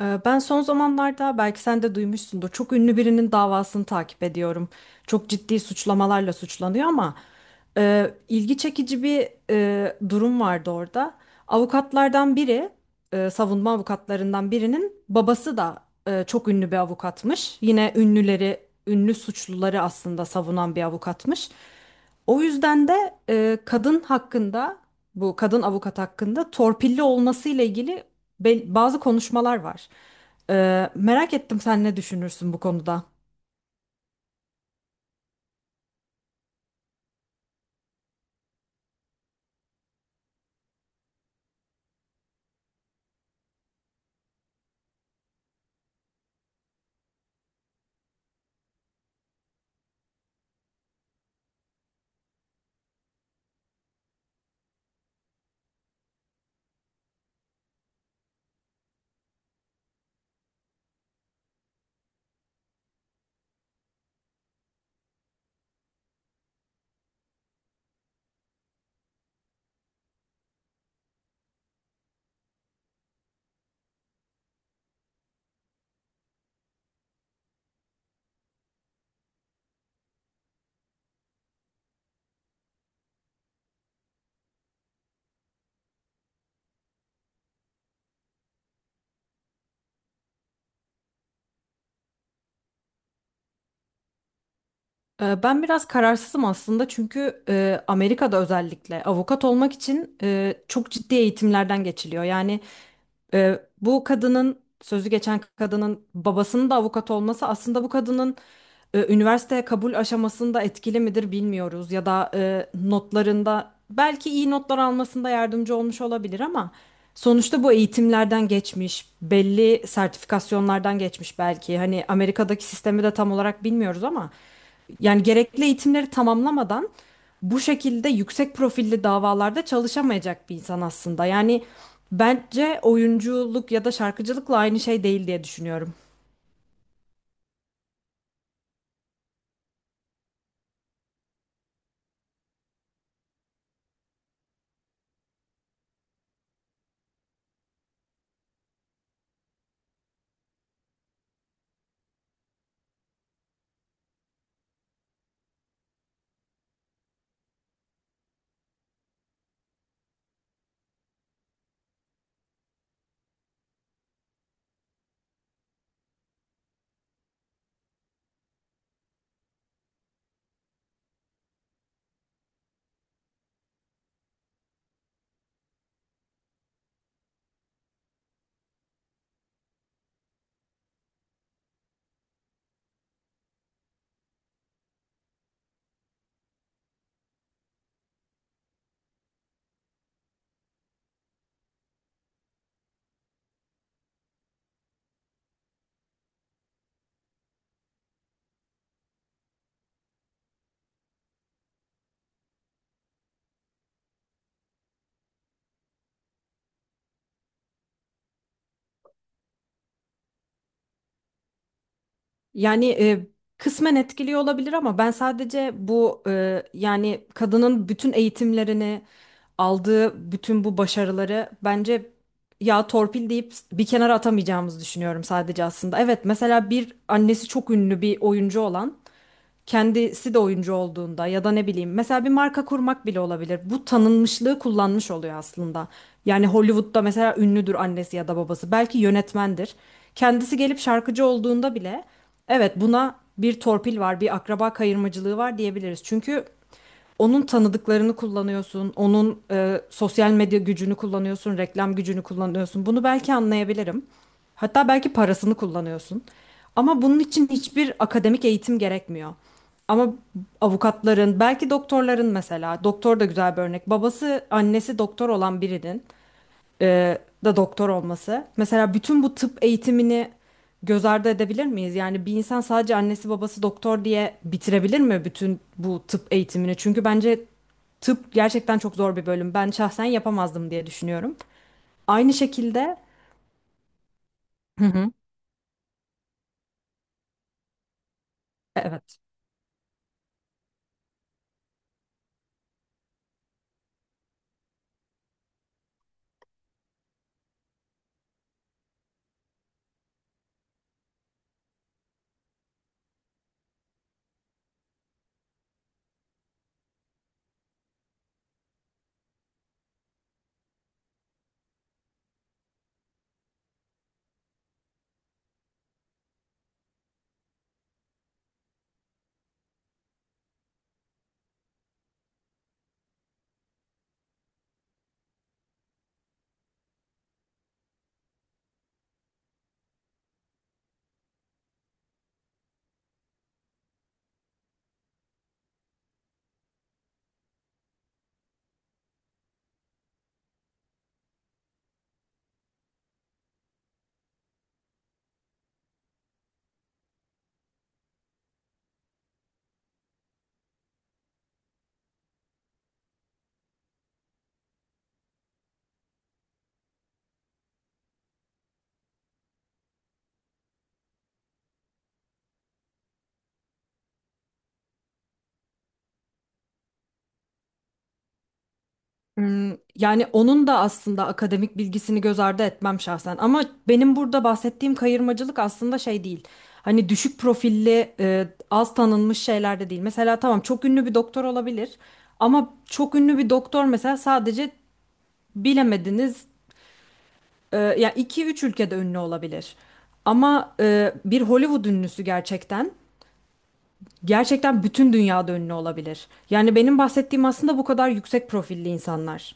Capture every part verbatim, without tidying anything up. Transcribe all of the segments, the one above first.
Ee, Ben son zamanlarda belki sen de duymuşsundur. Çok ünlü birinin davasını takip ediyorum. Çok ciddi suçlamalarla suçlanıyor ama e, ilgi çekici bir e, durum vardı orada. Avukatlardan biri, e, savunma avukatlarından birinin babası da e, çok ünlü bir avukatmış. Yine ünlüleri, ünlü suçluları aslında savunan bir avukatmış. O yüzden de e, kadın hakkında, bu kadın avukat hakkında torpilli olmasıyla ilgili bel- bazı konuşmalar var. Ee, merak ettim, sen ne düşünürsün bu konuda? Ee, ben biraz kararsızım aslında, çünkü e, Amerika'da özellikle avukat olmak için e, çok ciddi eğitimlerden geçiliyor. Yani e, bu kadının, sözü geçen kadının babasının da avukat olması aslında bu kadının e, üniversiteye kabul aşamasında etkili midir bilmiyoruz, ya da e, notlarında belki iyi notlar almasında yardımcı olmuş olabilir ama. Sonuçta bu eğitimlerden geçmiş, belli sertifikasyonlardan geçmiş belki. Hani Amerika'daki sistemi de tam olarak bilmiyoruz, ama yani gerekli eğitimleri tamamlamadan bu şekilde yüksek profilli davalarda çalışamayacak bir insan aslında. Yani bence oyunculuk ya da şarkıcılıkla aynı şey değil diye düşünüyorum. Yani e, kısmen etkiliyor olabilir, ama ben sadece bu e, yani kadının bütün eğitimlerini aldığı, bütün bu başarıları, bence ya torpil deyip bir kenara atamayacağımızı düşünüyorum sadece aslında. Evet, mesela bir annesi çok ünlü bir oyuncu olan kendisi de oyuncu olduğunda, ya da ne bileyim, mesela bir marka kurmak bile olabilir. Bu tanınmışlığı kullanmış oluyor aslında. Yani Hollywood'da mesela ünlüdür annesi ya da babası. Belki yönetmendir. Kendisi gelip şarkıcı olduğunda bile evet, buna bir torpil var, bir akraba kayırmacılığı var diyebiliriz. Çünkü onun tanıdıklarını kullanıyorsun, onun e, sosyal medya gücünü kullanıyorsun, reklam gücünü kullanıyorsun. Bunu belki anlayabilirim. Hatta belki parasını kullanıyorsun. Ama bunun için hiçbir akademik eğitim gerekmiyor. Ama avukatların, belki doktorların, mesela doktor da güzel bir örnek. Babası, annesi doktor olan birinin e, da doktor olması. Mesela bütün bu tıp eğitimini göz ardı edebilir miyiz? Yani bir insan sadece annesi babası doktor diye bitirebilir mi bütün bu tıp eğitimini? Çünkü bence tıp gerçekten çok zor bir bölüm. Ben şahsen yapamazdım diye düşünüyorum. Aynı şekilde. Hı hı. Evet. Hmm, Yani onun da aslında akademik bilgisini göz ardı etmem şahsen. Ama benim burada bahsettiğim kayırmacılık aslında şey değil. Hani düşük profilli, e, az tanınmış şeyler de değil. Mesela tamam, çok ünlü bir doktor olabilir. Ama çok ünlü bir doktor mesela sadece bilemediniz, e, ya iki üç ülkede ünlü olabilir. Ama e, bir Hollywood ünlüsü gerçekten, gerçekten bütün dünyada ünlü olabilir. Yani benim bahsettiğim aslında bu kadar yüksek profilli insanlar.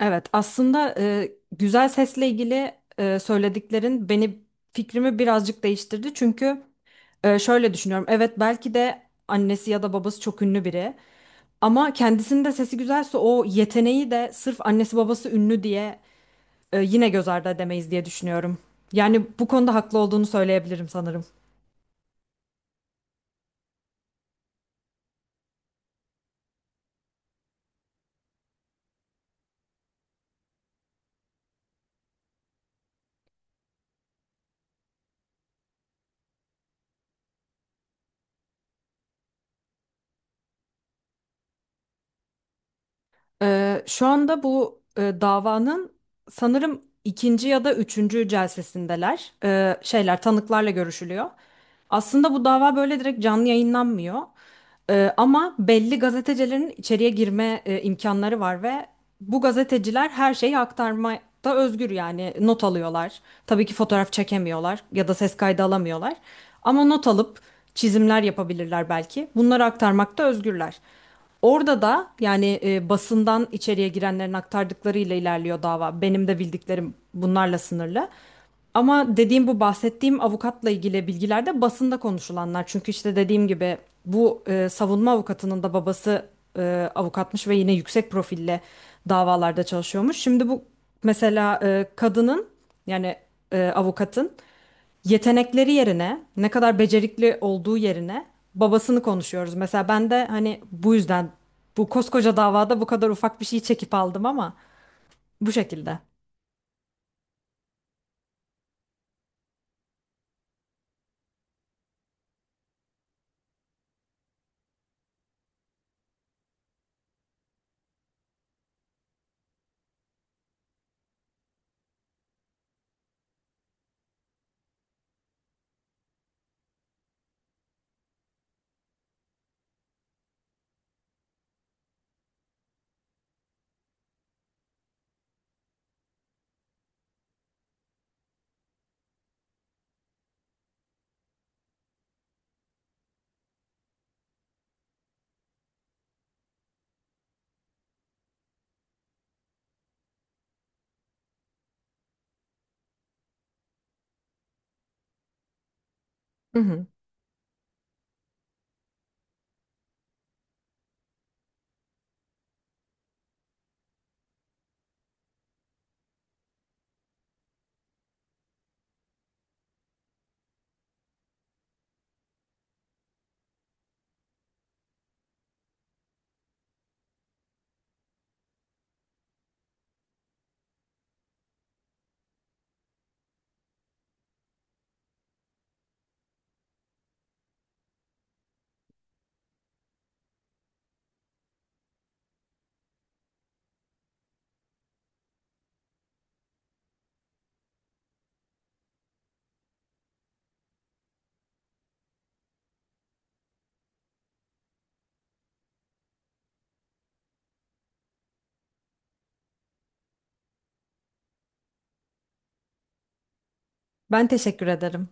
Evet, aslında e, güzel sesle ilgili e, söylediklerin beni, fikrimi birazcık değiştirdi. Çünkü e, şöyle düşünüyorum. Evet, belki de annesi ya da babası çok ünlü biri, ama kendisinin de sesi güzelse o yeteneği de sırf annesi babası ünlü diye e, yine göz ardı edemeyiz diye düşünüyorum. Yani bu konuda haklı olduğunu söyleyebilirim sanırım. Ee, şu anda bu e, davanın sanırım ikinci ya da üçüncü celsesindeler. Ee, şeyler, tanıklarla görüşülüyor. Aslında bu dava böyle direkt canlı yayınlanmıyor. Ee, ama belli gazetecilerin içeriye girme e, imkanları var ve bu gazeteciler her şeyi aktarmakta özgür, yani not alıyorlar. Tabii ki fotoğraf çekemiyorlar ya da ses kaydı alamıyorlar. Ama not alıp çizimler yapabilirler belki. Bunları aktarmakta özgürler. Orada da yani e, basından içeriye girenlerin aktardıklarıyla ilerliyor dava. Benim de bildiklerim bunlarla sınırlı. Ama dediğim bu bahsettiğim avukatla ilgili bilgiler de basında konuşulanlar. Çünkü işte dediğim gibi bu e, savunma avukatının da babası e, avukatmış ve yine yüksek profille davalarda çalışıyormuş. Şimdi bu mesela e, kadının, yani e, avukatın yetenekleri yerine, ne kadar becerikli olduğu yerine babasını konuşuyoruz. Mesela ben de hani bu yüzden bu koskoca davada bu kadar ufak bir şey çekip aldım, ama bu şekilde. Hı hı. Ben teşekkür ederim.